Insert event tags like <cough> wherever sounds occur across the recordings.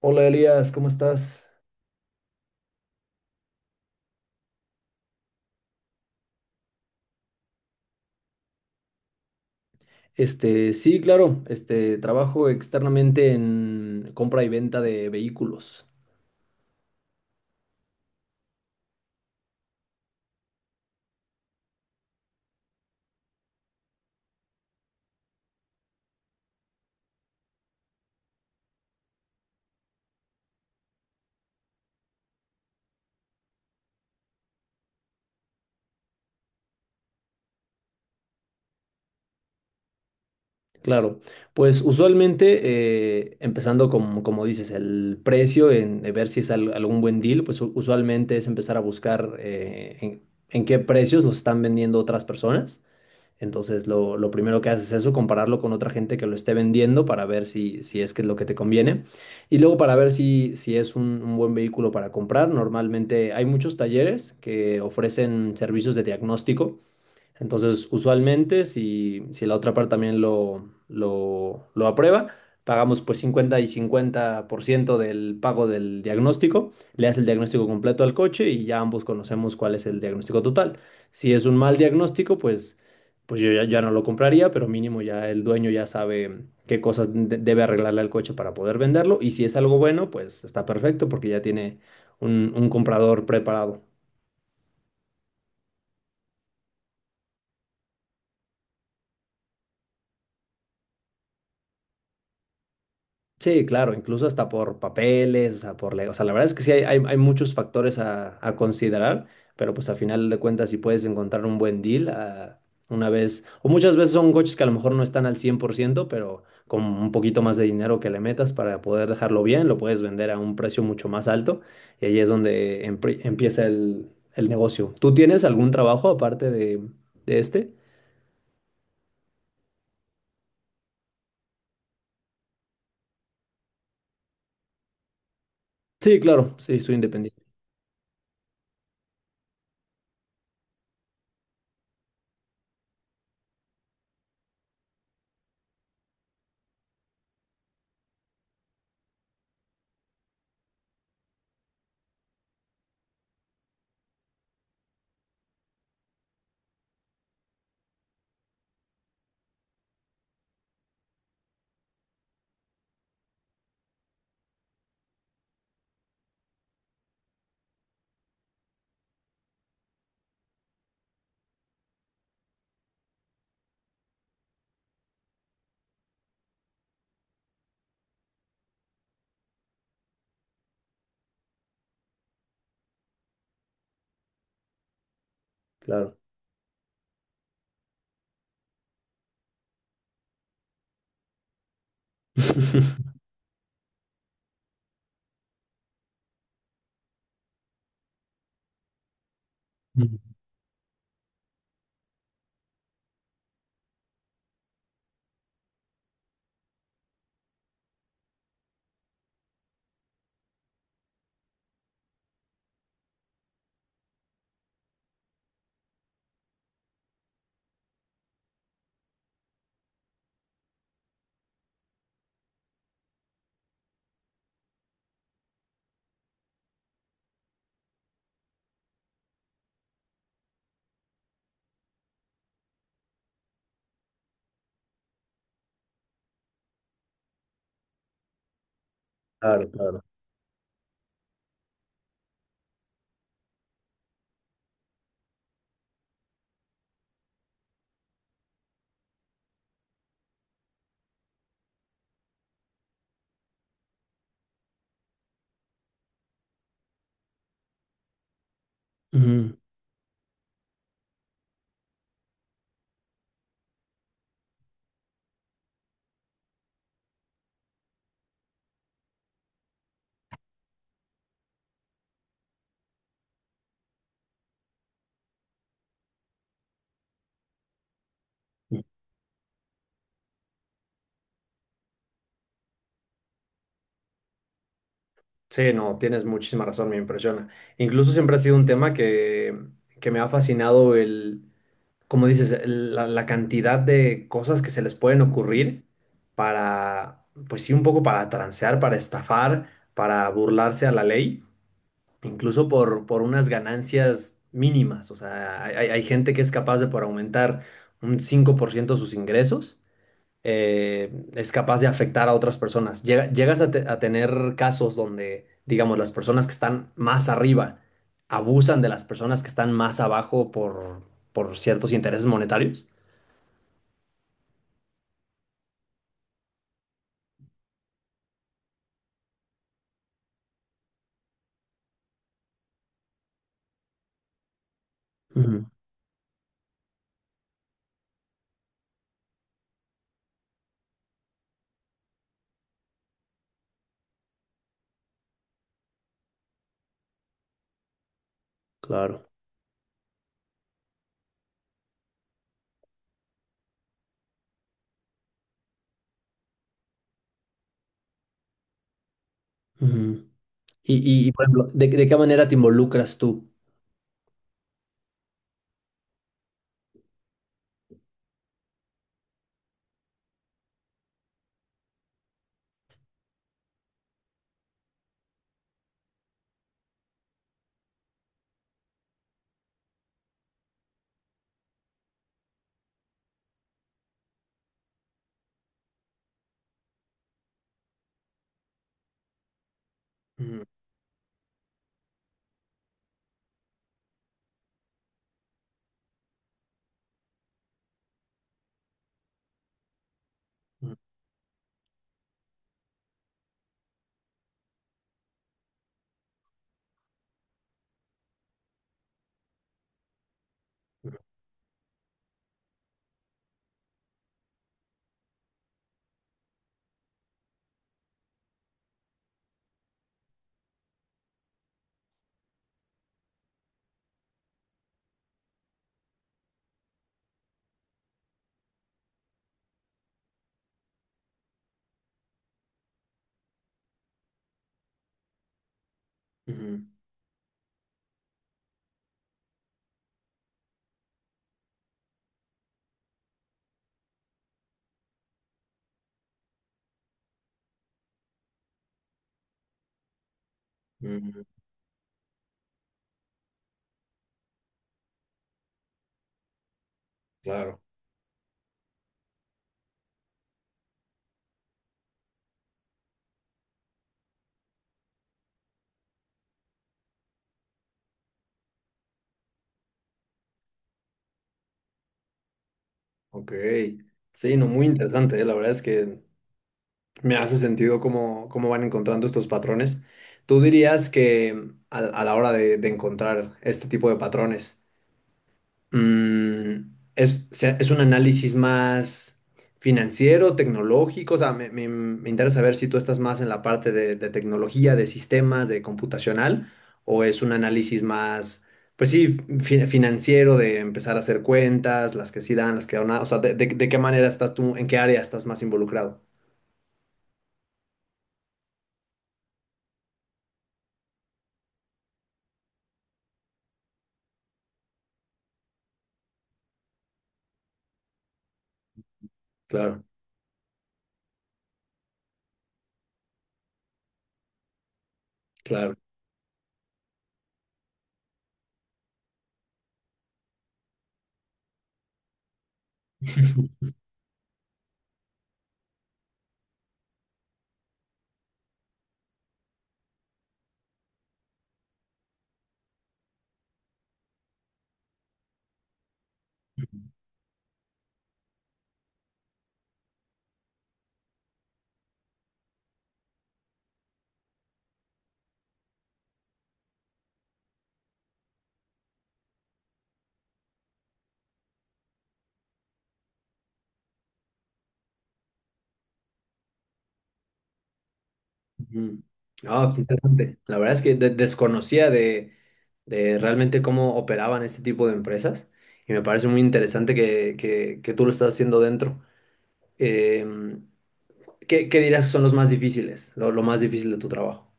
Hola Elías, ¿cómo estás? Este, sí, claro, este, trabajo externamente en compra y venta de vehículos. Claro, pues usualmente, empezando con, como dices, el precio, en ver si es algún buen deal, pues usualmente es empezar a buscar en qué precios los están vendiendo otras personas. Entonces, lo primero que haces es eso, compararlo con otra gente que lo esté vendiendo para ver si, si es que es lo que te conviene. Y luego para ver si, si es un buen vehículo para comprar. Normalmente hay muchos talleres que ofrecen servicios de diagnóstico. Entonces, usualmente, si, si la otra parte también lo aprueba, pagamos pues 50% y 50% del pago del diagnóstico, le hace el diagnóstico completo al coche y ya ambos conocemos cuál es el diagnóstico total. Si es un mal diagnóstico, pues, pues yo ya no lo compraría, pero mínimo ya el dueño ya sabe qué cosas debe arreglarle al coche para poder venderlo, y si es algo bueno, pues está perfecto porque ya tiene un comprador preparado. Sí, claro, incluso hasta por papeles, o sea, por o sea, la verdad es que sí hay muchos factores a considerar, pero pues a final de cuentas si puedes encontrar un buen deal, ah, una vez, o muchas veces son coches que a lo mejor no están al 100%, pero con un poquito más de dinero que le metas para poder dejarlo bien, lo puedes vender a un precio mucho más alto, y ahí es donde empieza el negocio. ¿Tú tienes algún trabajo aparte de este? Sí, claro, sí, soy independiente, claro. <laughs> Claro, claro. Ujú. Sí, no, tienes muchísima razón, me impresiona. Incluso siempre ha sido un tema que me ha fascinado el, como dices, la, la cantidad de cosas que se les pueden ocurrir para, pues sí, un poco para transear, para estafar, para burlarse a la ley, incluso por unas ganancias mínimas. O sea, hay gente que es capaz de, por aumentar un 5% sus ingresos, es capaz de afectar a otras personas. Llegas a, a tener casos donde, digamos, las personas que están más arriba abusan de las personas que están más abajo por ciertos intereses monetarios. Ujú, claro. Ujú. Y, y, por ejemplo, de qué manera te involucras tú? Ujú, ujú, ujú, ujú, claro, ok. Sí, no, muy interesante, la verdad es que me hace sentido cómo, cómo van encontrando estos patrones. ¿Tú dirías que a la hora de encontrar este tipo de patrones, es, es un análisis más financiero, tecnológico? O sea, me interesa saber si tú estás más en la parte de tecnología, de sistemas, de computacional, o es un análisis más, pues sí, financiero, de empezar a hacer cuentas, las que sí dan, las que no dan. O sea, de, de qué manera estás tú, ¿en qué área estás más involucrado? Claro, claro. <laughs> Mm. Ah, qué interesante. La verdad es que desconocía de realmente cómo operaban este tipo de empresas, y me parece muy interesante que, que tú lo estás haciendo dentro. Em, ¿qué dirás que son los más difíciles, lo más difícil de tu trabajo?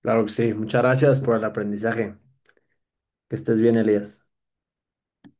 Claro que sí. Muchas gracias por el aprendizaje. Que estés bien, Elías.